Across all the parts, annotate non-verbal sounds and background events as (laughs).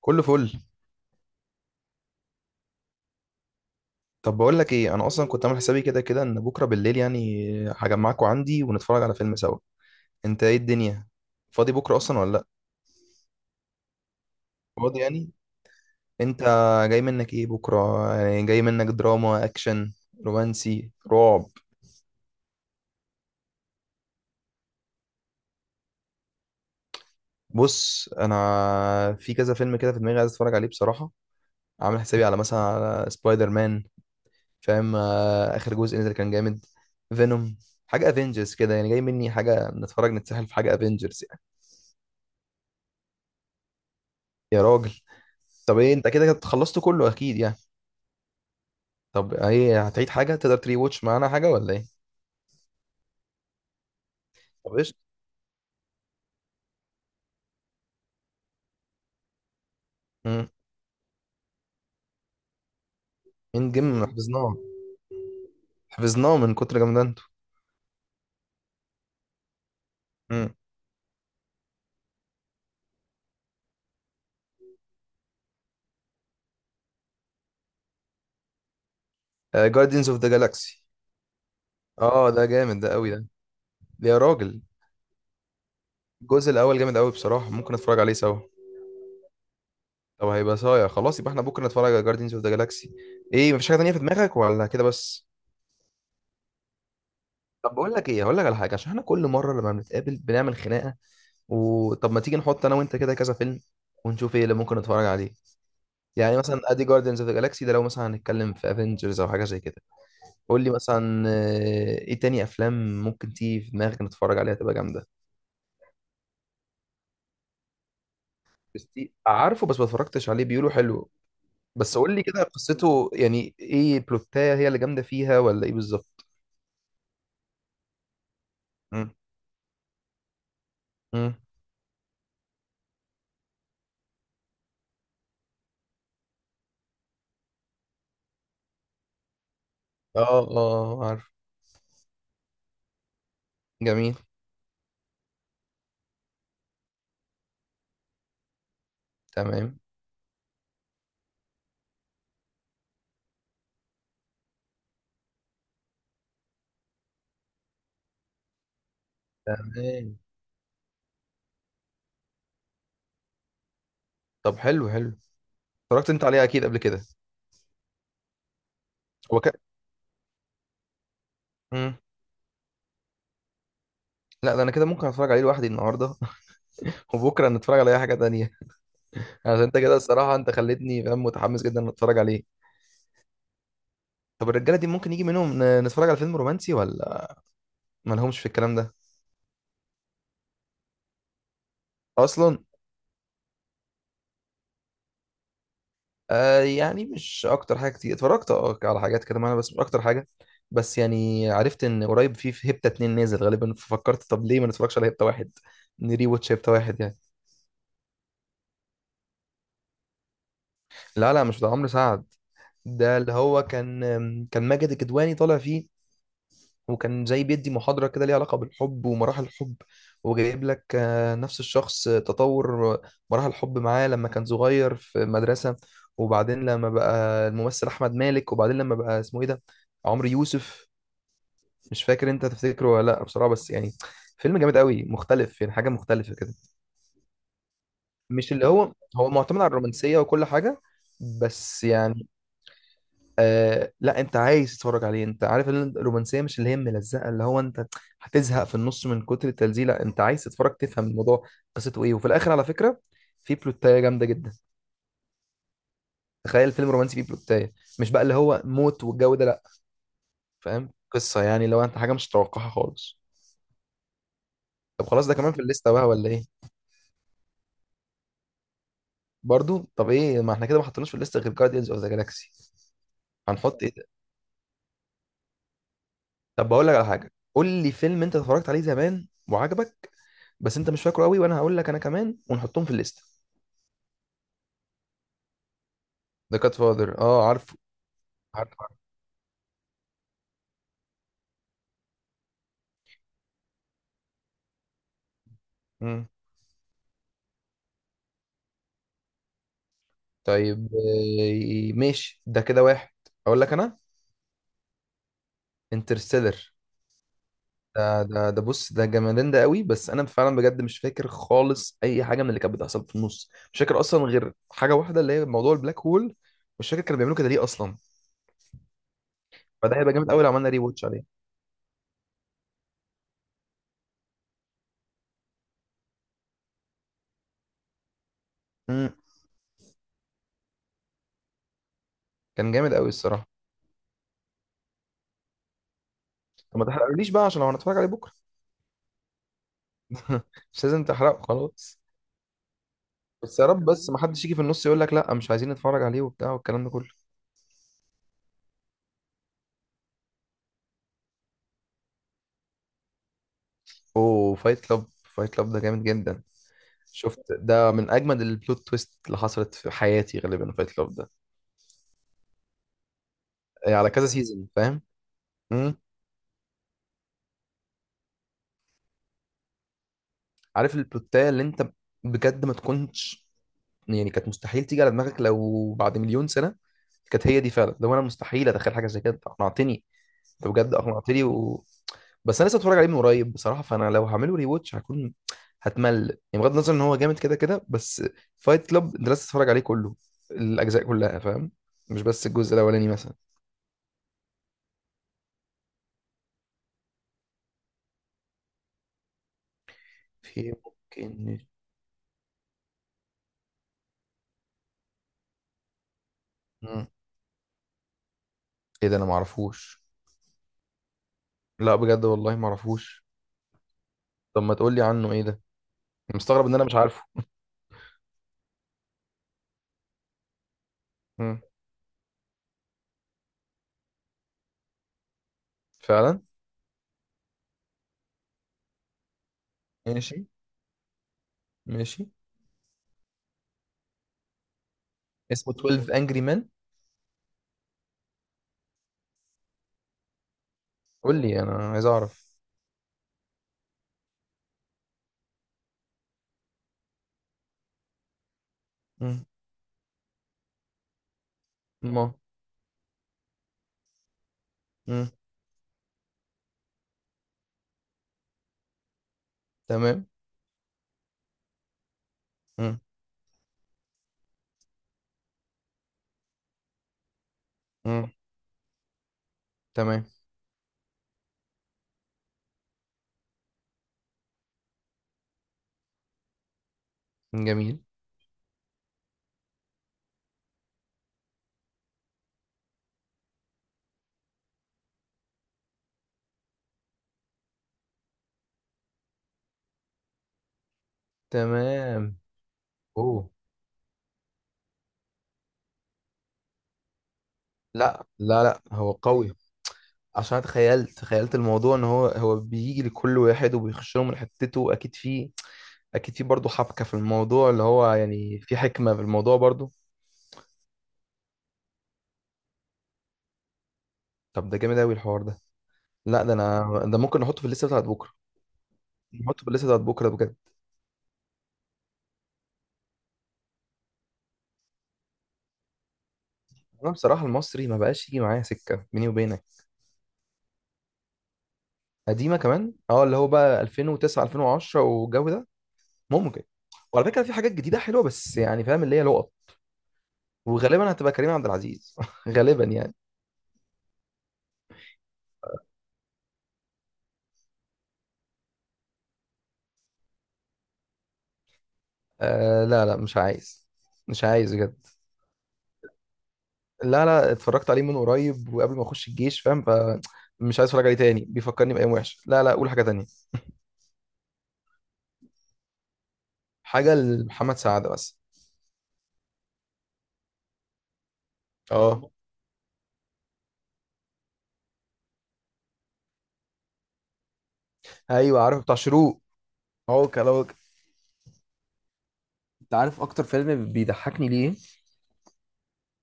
كله فل. طب بقول لك ايه، انا اصلا كنت عامل حسابي كده كده ان بكره بالليل يعني هجمعكوا عندي ونتفرج على فيلم سوا. انت ايه الدنيا؟ فاضي بكره اصلا ولا لا؟ فاضي يعني. انت، جاي منك ايه بكره؟ يعني جاي منك دراما اكشن رومانسي رعب؟ بص، انا في كذا فيلم كده في دماغي عايز اتفرج عليه بصراحه. عامل حسابي على، مثلا، على سبايدر مان. فاهم؟ اخر جزء نزل كان جامد. فينوم. حاجه افنجرز كده، يعني جاي مني حاجه نتفرج نتسحل في حاجه افنجرز. يا راجل. طب ايه، انت كده كده خلصت كله اكيد يعني. طب ايه، هتعيد حاجه تقدر تري واتش معانا حاجه ولا ايه؟ طب ايش؟ امم اند جيم، حفظناه من كتر جامدانته. امم جاردينز اوف ذا جالاكسي. اه ده جامد، ده قوي ده. يا راجل. الجزء الاول جامد قوي بصراحه، ممكن نتفرج عليه سوا. طب هيبقى صايع، خلاص يبقى احنا بكره نتفرج على جاردينز اوف ذا جالاكسي. ايه، مفيش حاجه تانيه في دماغك ولا كده بس؟ طب بقول لك ايه، هقول لك على حاجه عشان احنا كل مره لما بنتقابل بنعمل خناقه. وطب ما تيجي نحط انا وانت كده كذا فيلم ونشوف ايه اللي ممكن نتفرج عليه. يعني مثلا ادي جاردينز اوف ذا جالاكسي ده، لو مثلا هنتكلم في افنجرز او حاجه زي كده. قول لي مثلا ايه تاني افلام ممكن تيجي في دماغك نتفرج عليها تبقى جامده. عارفه، بس ما اتفرجتش عليه، بيقولوا حلو. بس قول لي كده قصته يعني ايه، بلوتايه هي اللي جامده فيها ولا ايه بالظبط؟ مم. مم. اه اه، عارف. جميل. تمام. تمام. طب حلو حلو. اتفرجت انت عليه اكيد قبل كده. هو ك... مم. لا، ده انا كده ممكن اتفرج عليه لوحدي النهارده. (laughs) وبكره نتفرج على اي حاجه تانية. عشان انت كده الصراحه، انت خليتني فاهم، متحمس جدا ان اتفرج عليه. طب الرجاله دي ممكن يجي منهم نتفرج على فيلم رومانسي ولا ما لهمش في الكلام ده؟ اصلا. آه، يعني مش اكتر حاجه، كتير اتفرجت على حاجات كده معانا بس مش اكتر حاجه. بس يعني عرفت ان قريب في هيبتا اتنين نازل غالبا، ففكرت طب ليه ما نتفرجش على هيبتا واحد. نري واتش هيبتا واحد يعني. لا لا، مش بتاع عمرو سعد. ده اللي هو كان، كان ماجد الكدواني طالع فيه. وكان زي بيدي محاضرة كده ليها علاقة بالحب ومراحل الحب. وجايب لك نفس الشخص، تطور، مراحل الحب معاه لما كان صغير في مدرسة. وبعدين لما بقى الممثل أحمد مالك، وبعدين لما بقى اسمه إيه ده؟ عمرو يوسف. مش فاكر أنت تفتكره ولا لأ بصراحة، بس يعني فيلم جامد قوي مختلف، يعني حاجة مختلفة كده. مش اللي هو هو معتمد على الرومانسية وكل حاجة، بس يعني. آه، لا انت عايز تتفرج عليه، انت عارف ان الرومانسيه مش اللي هي ملزقه اللي هو انت هتزهق في النص من كتر التلزيق، لا انت عايز تتفرج تفهم الموضوع قصته ايه، وفي الاخر على فكره في بلوتايه جامده جدا. تخيل فيلم رومانسي فيه بلوتايه، مش بقى اللي هو موت والجو ده، لا. فاهم قصه، يعني لو انت حاجه مش متوقعها خالص. طب خلاص ده كمان في الليسته بقى ولا ايه؟ برضو طب ايه، ما احنا كده ما حطيناش في الليسته غير جارديانز اوف ذا جالاكسي. هنحط ايه ده؟ طب بقول لك على حاجه، قول لي فيلم انت اتفرجت عليه زمان وعجبك بس انت مش فاكره قوي، وانا هقول لك انا كمان ونحطهم في الليست. ده كات فاذر، اه عارفه. عارفه، عارف. مم. طيب ماشي ده كده واحد. اقول لك انا، انترستيلر. ده بص، ده جمالين، ده قوي، بس انا فعلا بجد مش فاكر خالص اي حاجه من اللي كانت بتحصل في النص، مش فاكر اصلا غير حاجه واحده اللي هي موضوع البلاك هول، مش فاكر كانوا بيعملوا كده ليه اصلا. فده هيبقى جامد قوي لو عملنا ري واتش عليه. مم. كان جامد قوي الصراحه. طب ما تحرقليش بقى عشان لو هنتفرج عليه بكره. (laughs) مش لازم تحرقه خلاص. بس يا رب، بس ما حدش يجي في النص يقول لك لا مش عايزين نتفرج عليه وبتاع والكلام ده كله. اوه فايت كلاب. فايت كلاب ده جامد جدا. شفت ده من اجمد البلوت تويست اللي حصلت في حياتي غالبا، فايت كلاب ده. إيه، على كذا سيزون فاهم. امم. عارف البلوتايه اللي انت، بجد ما تكونش، يعني كانت مستحيل تيجي على دماغك لو بعد مليون سنه. كانت هي دي فعلا، لو انا مستحيل اتخيل حاجه زي كده، أنت اقنعتني، انت بجد اقنعتني و. بس انا لسه اتفرج عليه من قريب بصراحه، فانا لو هعمله ري واتش هكون هتمل يعني، بغض النظر ان هو جامد كده كده بس. فايت كلاب انت لازم تتفرج عليه كله، الاجزاء كلها فاهم، مش بس الجزء الاولاني مثلا. في ممكن نش- مم. ايه ده انا ما اعرفوش. لا بجد والله ما اعرفوش. طب ما تقول لي عنه ايه ده. أنا مستغرب ان انا مش عارفه. مم. فعلا. ماشي ماشي. اسمه 12 انجري مان. قول لي انا عايز اعرف. مم. ما مم. تمام. مم. مم. تمام. جميل. تمام. اوه. لا لا لا، هو قوي. عشان أنا تخيلت الموضوع ان هو هو بيجي لكل واحد وبيخش له من حتته، اكيد في، اكيد في برضه حبكه في الموضوع، اللي هو يعني في حكمه في الموضوع برضه. طب ده جامد قوي الحوار ده. لا ده انا ده ممكن نحطه في الليسته بتاعت بكره. نحطه في الليسته بتاعت بكره بجد. انا بصراحه المصري ما بقاش يجي معايا سكه بيني وبينك. قديمه كمان اه، اللي هو بقى 2009 2010 والجو ده. ممكن. وعلى فكره في حاجات جديده حلوه، بس يعني فاهم اللي هي لقط. وغالبا هتبقى كريم عبد العزيز (laughs) غالبا يعني. آه، لا لا مش عايز. مش عايز بجد. لا لا اتفرجت عليه من قريب وقبل ما اخش الجيش فاهم، فمش عايز اتفرج عليه تاني بيفكرني بايام وحشه، لا لا قول حاجه تانية. حاجه لمحمد سعد بس. اه. ايوه عارف، بتاع شروق. هو كلاوك. انت عارف اكتر فيلم بيضحكني ليه؟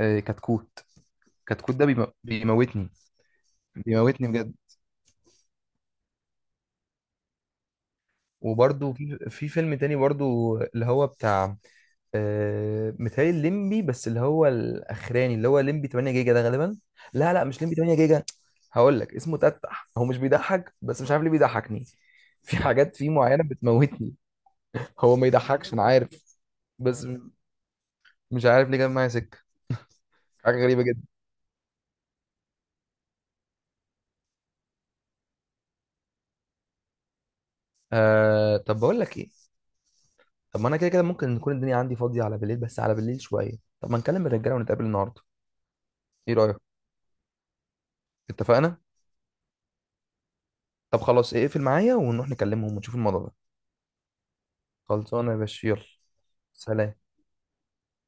كتكوت. كتكوت ده بيموتني. بيموتني بجد. وبرده في فيلم تاني برضو اللي هو بتاع متهيألي الليمبي، بس اللي هو الاخراني اللي هو ليمبي 8 جيجا ده غالبا. لا لا مش ليمبي 8 جيجا. هقول لك اسمه تتح، هو مش بيضحك بس مش عارف ليه بيضحكني. (laughs) في حاجات فيه معينه بتموتني. هو ما يضحكش انا عارف. بس م- مش عارف ليه جاب معايا سكه. حاجه غريبه جدا. طب بقول لك ايه. طب ما انا كده كده ممكن نكون الدنيا عندي فاضيه على بالليل، بس على بالليل شويه. طب ما نكلم الرجاله ونتقابل النهارده. ايه رايك؟ اتفقنا. طب خلاص ايه، اقفل معايا ونروح نكلمهم ونشوف الموضوع ده. خلصانه يا باشا، يلا سلام.